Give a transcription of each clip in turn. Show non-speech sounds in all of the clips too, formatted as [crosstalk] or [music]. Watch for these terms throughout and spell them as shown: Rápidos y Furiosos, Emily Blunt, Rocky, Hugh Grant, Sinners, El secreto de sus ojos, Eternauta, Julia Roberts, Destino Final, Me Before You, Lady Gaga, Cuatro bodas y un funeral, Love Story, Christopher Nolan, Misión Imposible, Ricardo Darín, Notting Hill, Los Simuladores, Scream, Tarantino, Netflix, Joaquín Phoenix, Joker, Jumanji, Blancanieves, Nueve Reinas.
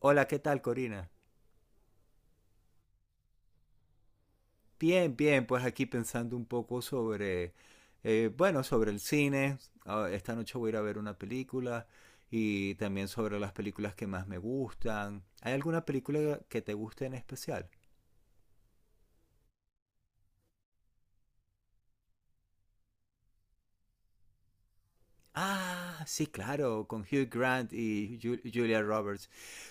Hola, ¿qué tal, Corina? Bien, bien, pues aquí pensando un poco sobre el cine. Ah, Esta noche voy a ir a ver una película y también sobre las películas que más me gustan. ¿Hay alguna película que te guste en especial? Ah, sí, claro, con Hugh Grant y Julia Roberts.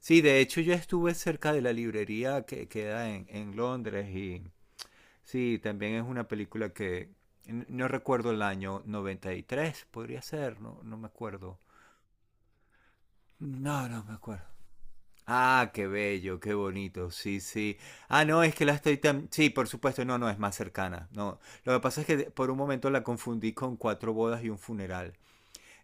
Sí, de hecho yo estuve cerca de la librería que queda en Londres y sí, también es una película que no recuerdo, el año 93, podría ser, no, no me acuerdo. No, no me acuerdo. Ah, qué bello, qué bonito, sí, sí. Ah, no, es que la estoy tan... Sí, por supuesto, no, no, es más cercana. No, lo que pasa es que por un momento la confundí con Cuatro bodas y un funeral.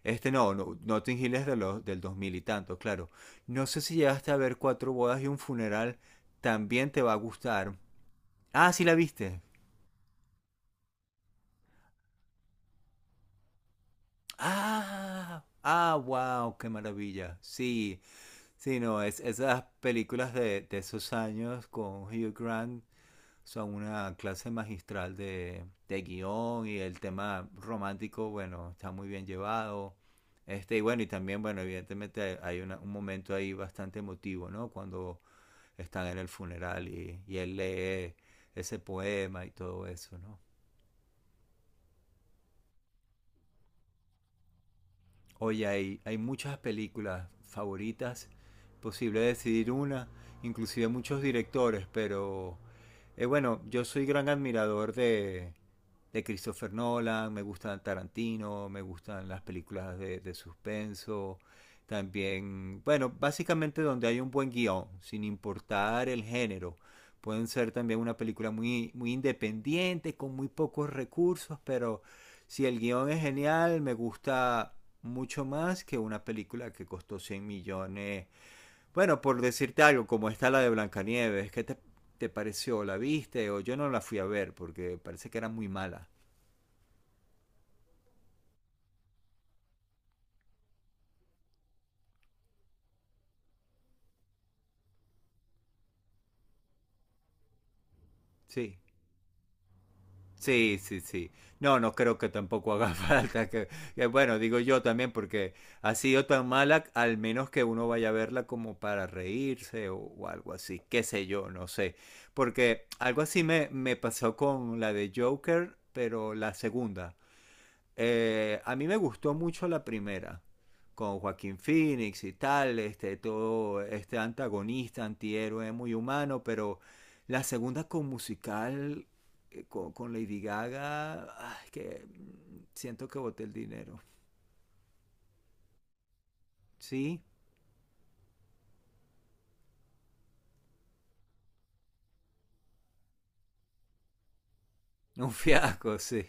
No, no, Notting Hill es de del 2000 y tanto, claro. No sé si llegaste a ver Cuatro bodas y un funeral, también te va a gustar. Ah, sí la viste. Ah, ah, wow, qué maravilla. Sí, sí, no, es, esas películas de esos años con Hugh Grant son una clase magistral de guión, y el tema romántico, bueno, está muy bien llevado. Evidentemente un momento ahí bastante emotivo, ¿no? Cuando están en el funeral y él lee ese poema y todo eso, ¿no? Oye, hay muchas películas favoritas, posible decidir una, inclusive muchos directores, pero bueno, yo soy gran admirador de Christopher Nolan, me gustan Tarantino, me gustan las películas de suspenso, también, bueno, básicamente donde hay un buen guión, sin importar el género. Pueden ser también una película muy, muy independiente, con muy pocos recursos, pero si el guión es genial, me gusta mucho más que una película que costó 100 millones. Bueno, por decirte algo, como está la de Blancanieves, ¿te pareció? ¿La viste? O yo no la fui a ver porque parece que era muy mala. Sí. Sí, sí, sí. No, no creo que tampoco haga [laughs] falta bueno, digo yo también porque ha sido tan mala, al menos que uno vaya a verla como para reírse o algo así, qué sé yo, no sé. Porque algo así me pasó con la de Joker, pero la segunda. A mí me gustó mucho la primera, con Joaquín Phoenix y tal, este, todo este antagonista, antihéroe, muy humano, pero la segunda con musical, con Lady Gaga, ay, siento que boté el dinero. Sí, un fiasco, sí.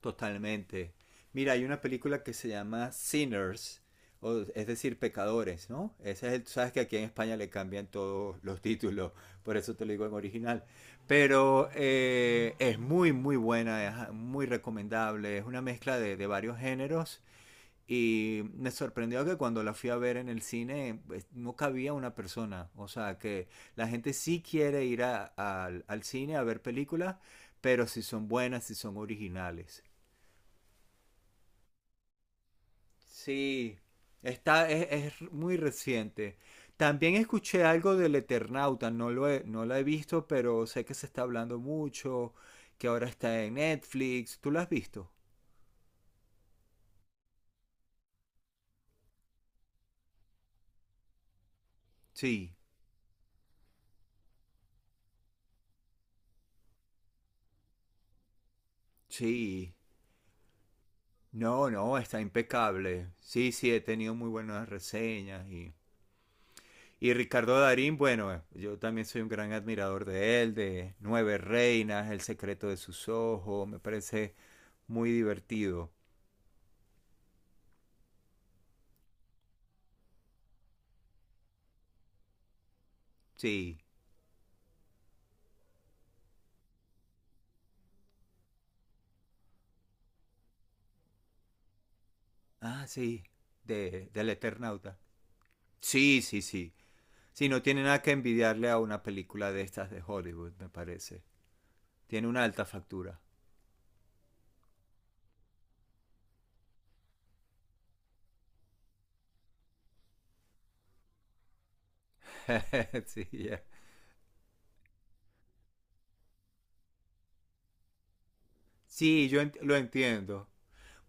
Totalmente. Mira, hay una película que se llama Sinners, o, es decir, pecadores, ¿no? Ese es tú sabes que aquí en España le cambian todos los títulos, por eso te lo digo en original. Pero es muy, muy buena, es ah, muy recomendable, es una mezcla de varios géneros y me sorprendió que cuando la fui a ver en el cine, pues no cabía una persona, o sea, que la gente sí quiere ir al cine a ver películas, pero si son buenas, si son originales. Sí, está, es muy reciente. También escuché algo del Eternauta, no la he visto, pero sé que se está hablando mucho, que ahora está en Netflix. ¿Tú la has visto? Sí, sí. No, no, está impecable. Sí, sí, he tenido muy buenas reseñas, y Ricardo Darín, bueno, yo también soy un gran admirador de él, de Nueve Reinas, El secreto de sus ojos, me parece muy divertido. Sí. Ah, sí, del Eternauta. Sí, sí, sí. Sí, no tiene nada que envidiarle a una película de estas de Hollywood, me parece. Tiene una alta factura. [laughs] Sí, ya. Sí, yo lo entiendo.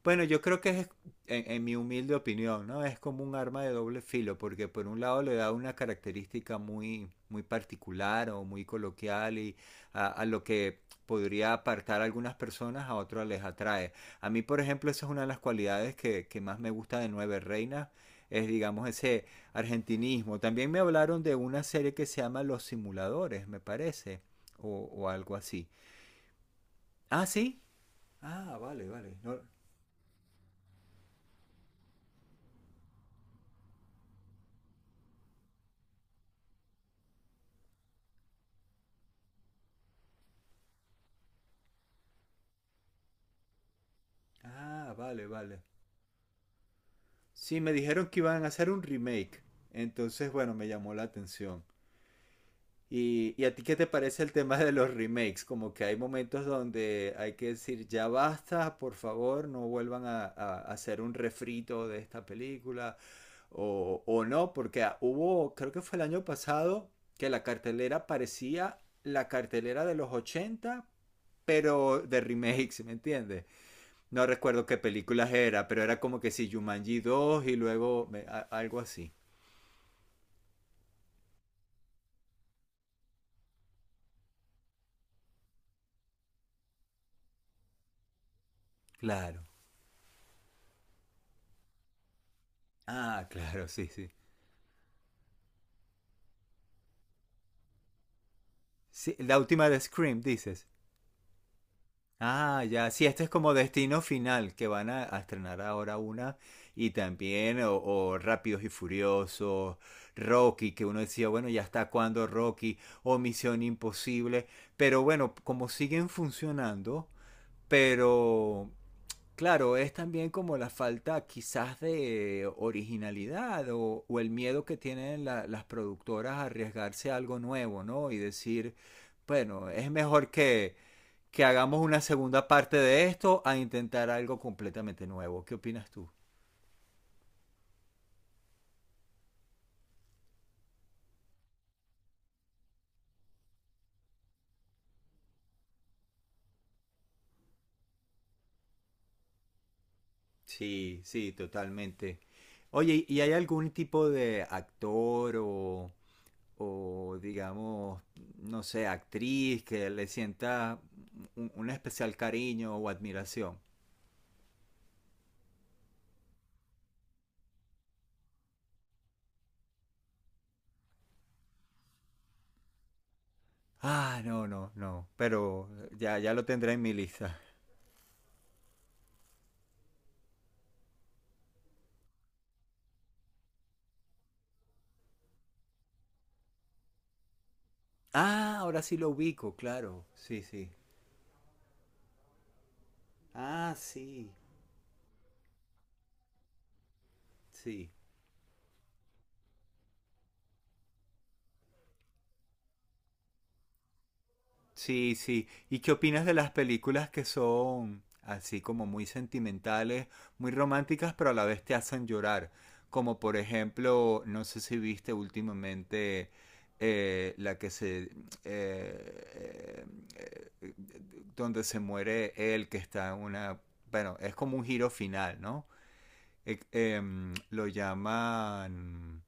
Bueno, yo creo que es, en mi humilde opinión, ¿no? Es como un arma de doble filo, porque por un lado le da una característica muy, muy particular o muy coloquial y a lo que podría apartar a algunas personas, a otras les atrae. A mí, por ejemplo, esa es una de las cualidades que más me gusta de Nueve Reinas, es digamos ese argentinismo. También me hablaron de una serie que se llama Los Simuladores, me parece, o algo así. Ah, sí. Ah, vale, vale. No. Ah, vale, vale. Sí, me dijeron que iban a hacer un remake. Entonces, bueno, me llamó la atención. ¿Y a ti qué te parece el tema de los remakes? Como que hay momentos donde hay que decir, ya basta, por favor, no vuelvan a hacer un refrito de esta película. O no, porque hubo, creo que fue el año pasado, que la cartelera parecía la cartelera de los 80, pero de remakes, ¿sí? ¿Me entiendes? No recuerdo qué películas era, pero era como que si Jumanji 2 y luego algo así. Claro. Ah, claro, sí, sí. Sí, la última de Scream, dices. Ah, ya, sí, este es como Destino Final, que van a estrenar ahora una. Y también, o Rápidos y Furiosos, Rocky, que uno decía, bueno, ya está cuando Rocky, o Misión Imposible. Pero bueno, como siguen funcionando, pero claro, es también como la falta quizás de originalidad o el miedo que tienen las productoras a arriesgarse a algo nuevo, ¿no? Y decir, bueno, es mejor que hagamos una segunda parte de esto a intentar algo completamente nuevo. ¿Qué opinas tú? Sí, sí, totalmente. Oye, ¿y hay algún tipo de actor o digamos, no sé, actriz que le sienta un especial cariño o admiración? Ah, no, no, no. Pero ya lo tendré en mi lista. Ah, ahora sí lo ubico, claro. Sí, sí. Ah, sí, sí. Sí, sí. ¿Y qué opinas de las películas que son así como muy sentimentales, muy románticas, pero a la vez te hacen llorar? Como por ejemplo, no sé si viste últimamente la que eh, eh, donde se muere él, que está en una... Bueno, es como un giro final, ¿no? Lo llaman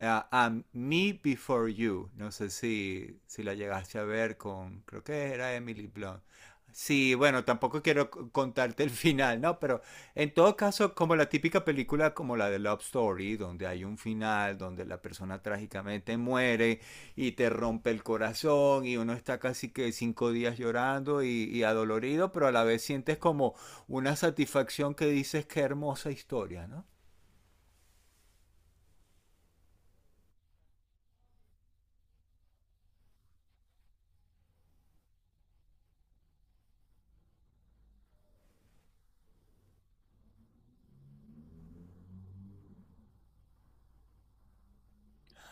Me Before You. No sé si la llegaste a ver con, creo que era Emily Blunt. Sí, bueno, tampoco quiero contarte el final, ¿no? Pero en todo caso, como la típica película como la de Love Story, donde hay un final, donde la persona trágicamente muere y te rompe el corazón y uno está casi que 5 días llorando y adolorido, pero a la vez sientes como una satisfacción que dices qué hermosa historia, ¿no?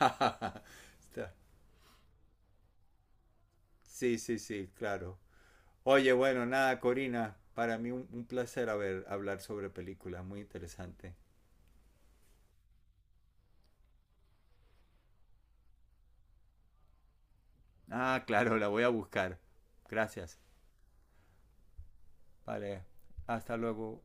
[laughs] Sí, sí, sí, claro. Oye, bueno, nada, Corina, para mí un placer hablar sobre películas, muy interesante. Ah, claro, la voy a buscar. Gracias. Vale, hasta luego.